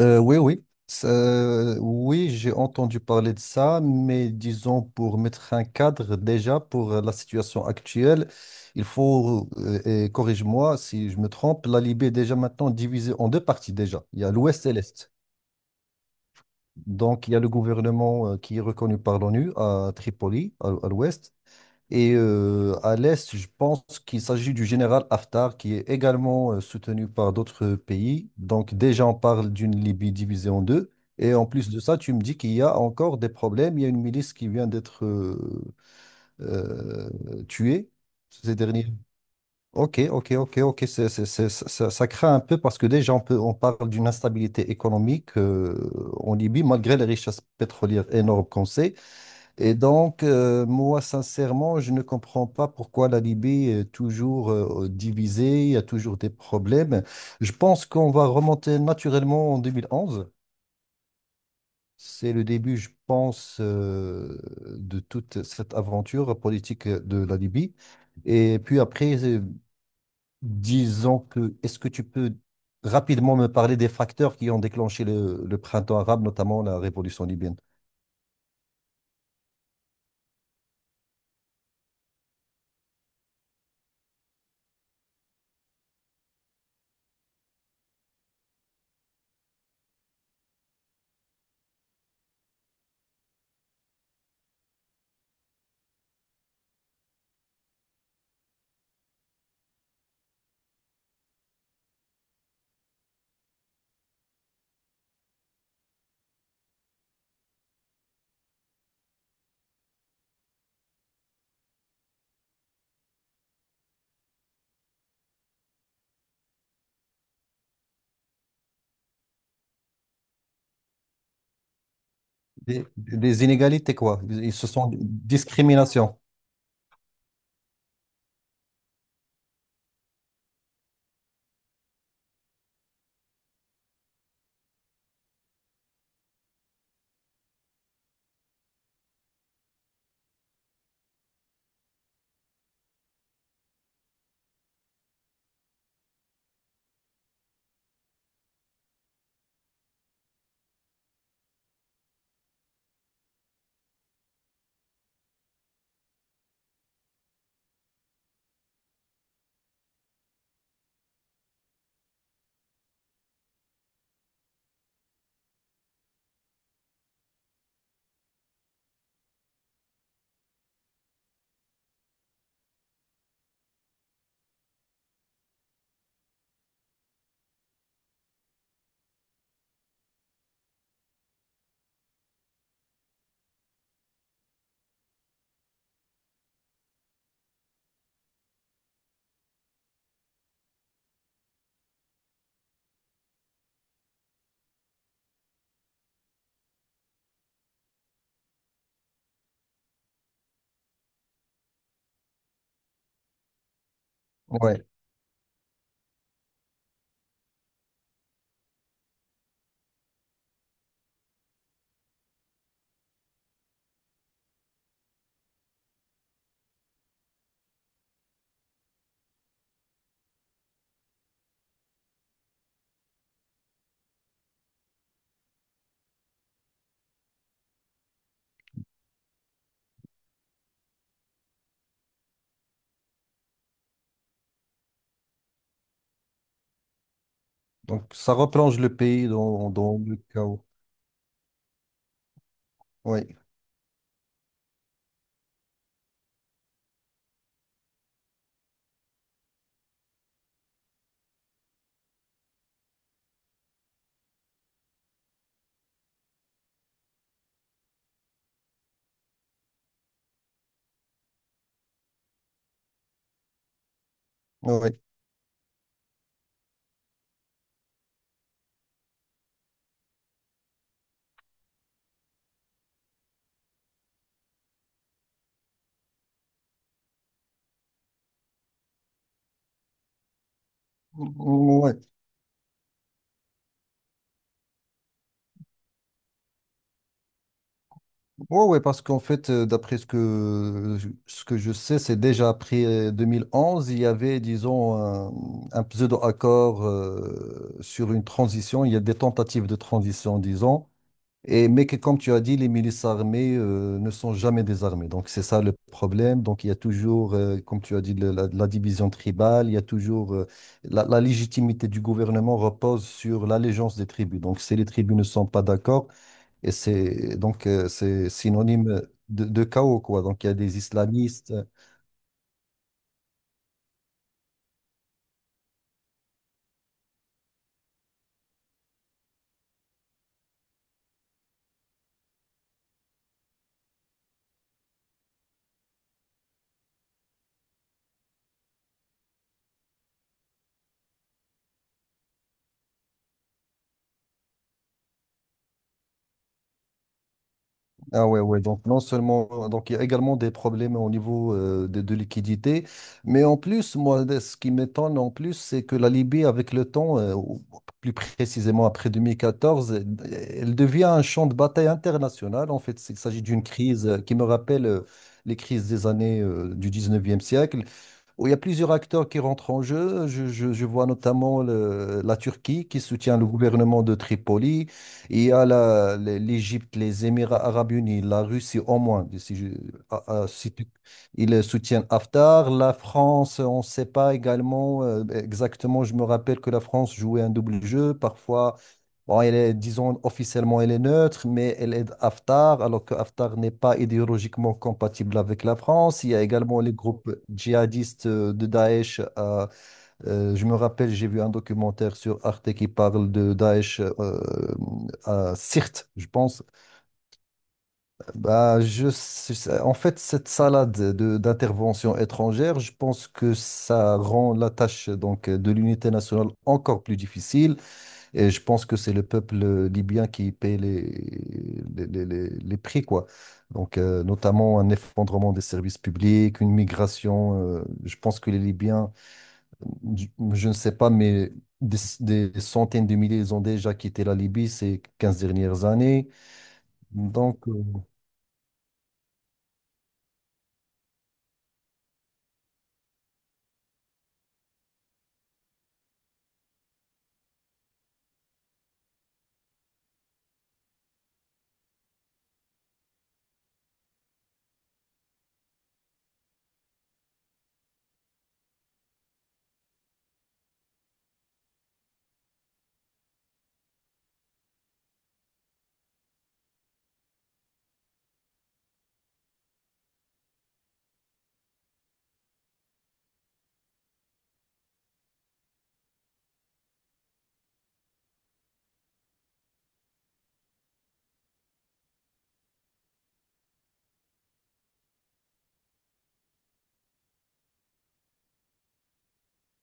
Oui, oui. Oui, j'ai entendu parler de ça, mais disons pour mettre un cadre déjà pour la situation actuelle, il faut, et corrige-moi si je me trompe, la Libye est déjà maintenant divisée en deux parties déjà. Il y a l'Ouest et l'Est. Donc il y a le gouvernement qui est reconnu par l'ONU à Tripoli, à l'Ouest, et à l'Est, je pense qu'il s'agit du général Haftar, qui est également soutenu par d'autres pays. Donc déjà, on parle d'une Libye divisée en deux. Et en plus de ça, tu me dis qu'il y a encore des problèmes. Il y a une milice qui vient d'être euh, tuée ces derniers. Ok, ok, ok, ok. Ça craint un peu parce que déjà, on parle d'une instabilité économique en Libye, malgré les richesses pétrolières énormes qu'on sait. Et donc, moi, sincèrement, je ne comprends pas pourquoi la Libye est toujours divisée, il y a toujours des problèmes. Je pense qu'on va remonter naturellement en 2011. C'est le début, je pense, de toute cette aventure politique de la Libye. Et puis après, disons que, est-ce que tu peux rapidement me parler des facteurs qui ont déclenché le printemps arabe, notamment la révolution libyenne? Les, les inégalités, quoi. Se sont des discriminations. Ouais. Donc, ça replonge le pays dans, dans le chaos. Ouais. Ouais. Ouais. Ouais, ouais, parce qu'en fait, d'après ce que je sais, c'est déjà après 2011, il y avait, disons, un pseudo-accord sur une transition. Il y a des tentatives de transition, disons. Et, mais que, comme tu as dit, les milices armées ne sont jamais désarmées. Donc, c'est ça le problème. Donc, il y a toujours, comme tu as dit, la division tribale. Il y a toujours. La légitimité du gouvernement repose sur l'allégeance des tribus. Donc, si les tribus ne sont pas d'accord, et c'est donc c'est synonyme de chaos, quoi. Donc, il y a des islamistes. Ah ouais, ouais, donc non seulement, donc il y a également des problèmes au niveau de liquidité, mais en plus, ce qui m'étonne en plus, c'est que la Libye, avec le temps, ou plus précisément après 2014, elle devient un champ de bataille international. En fait, il s'agit d'une crise qui me rappelle les crises des années du 19e siècle où il y a plusieurs acteurs qui rentrent en jeu. Je vois notamment la Turquie qui soutient le gouvernement de Tripoli. Il y a l'Égypte, l'Égypte, les Émirats arabes unis, la Russie au moins. Si je- ah, ah, si tu- Ils soutiennent Haftar. La France, on ne sait pas également exactement. Je me rappelle que la France jouait un double jeu. Parfois, bon, elle est, disons, officiellement, elle est neutre, mais elle aide Haftar, alors que Haftar n'est pas idéologiquement compatible avec la France. Il y a également les groupes djihadistes de Daesh. Je me rappelle, j'ai vu un documentaire sur Arte qui parle de Daesh à Sirte, je pense. En fait, cette salade d'interventions étrangères, je pense que ça rend la tâche donc, de l'unité nationale encore plus difficile. Et je pense que c'est le peuple libyen qui paye les prix, quoi. Donc, notamment un effondrement des services publics, une migration. Je pense que les Libyens, je, je ne sais pas, mais des centaines de milliers, ils ont déjà quitté la Libye ces 15 dernières années. Donc,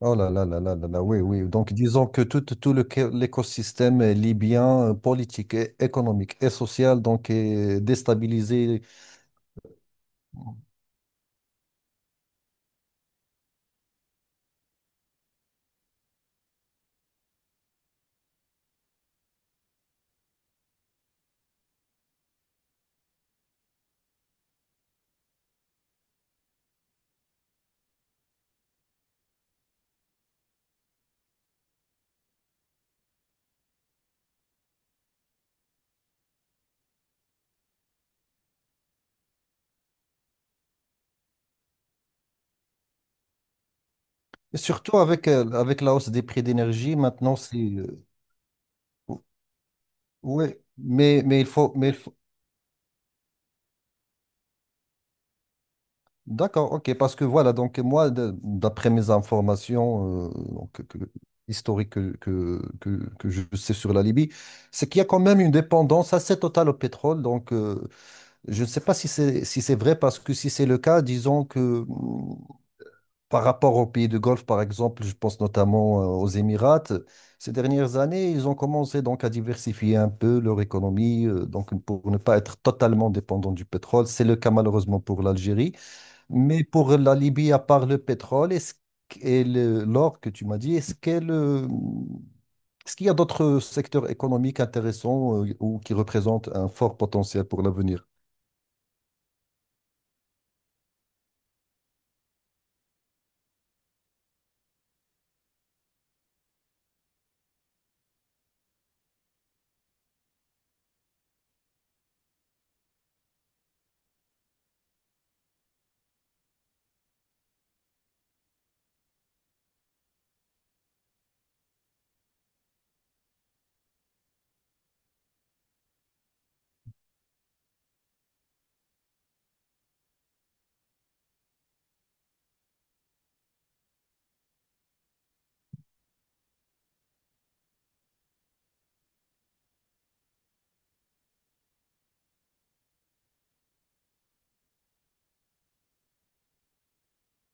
oh là là là là là là, oui, oui. Donc, disons que l'écosystème libyen, politique, et économique et social, donc, est déstabilisé. Et surtout avec, avec la hausse des prix d'énergie, maintenant, ou- ouais, mais il faut... Mais il faut... D'accord, ok, parce que voilà, d'après mes informations historiques que je sais sur la Libye, c'est qu'il y a quand même une dépendance assez totale au pétrole. Donc, je ne sais pas si c'est si c'est vrai, parce que si c'est le cas, disons que... Par rapport aux pays du Golfe, par exemple, je pense notamment aux Émirats, ces dernières années, ils ont commencé donc à diversifier un peu leur économie, donc pour ne pas être totalement dépendant du pétrole. C'est le cas malheureusement pour l'Algérie. Mais pour la Libye, à part le pétrole est-ce qu- et le- l'or que tu m'as dit, est-ce qu'elle, est-ce qu'il y a d'autres secteurs économiques intéressants ou qui représentent un fort potentiel pour l'avenir?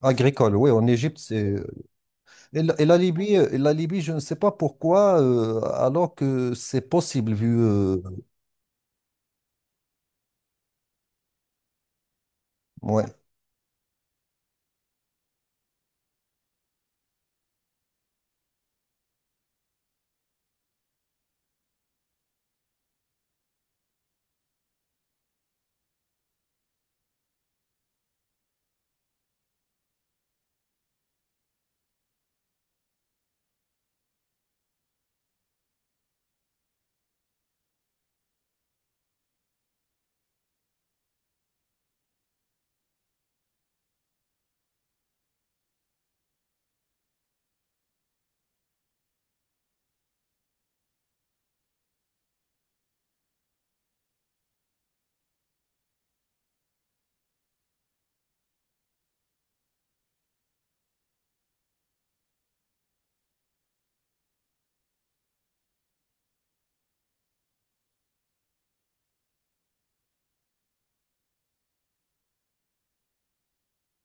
Agricole, oui, en Égypte, c'est... et la Libye, je ne sais pas pourquoi, alors que c'est possible vu ouais,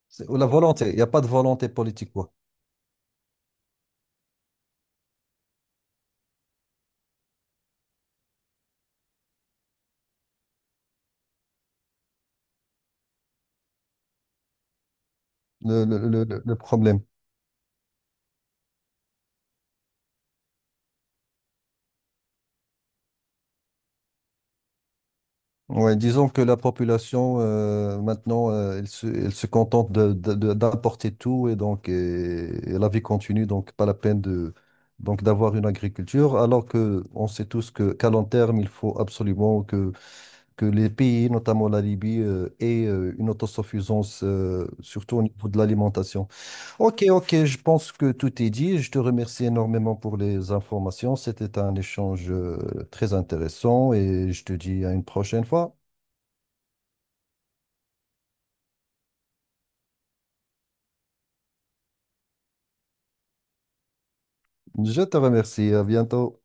c'est- la volonté. Il n'y a pas de volonté politique, quoi. Le problème. Ouais, disons que la population, maintenant, elle se contente d'importer tout et donc et la vie continue, donc pas la peine de, donc d'avoir une agriculture, alors que on sait tous que qu'à long terme, il faut absolument que les pays, notamment la Libye, aient une autosuffisance, surtout au niveau de l'alimentation. Ok, ok, je pense que tout est dit. Je te remercie énormément pour les informations. C'était un échange très intéressant et je te dis à une prochaine fois. Je te remercie, à bientôt.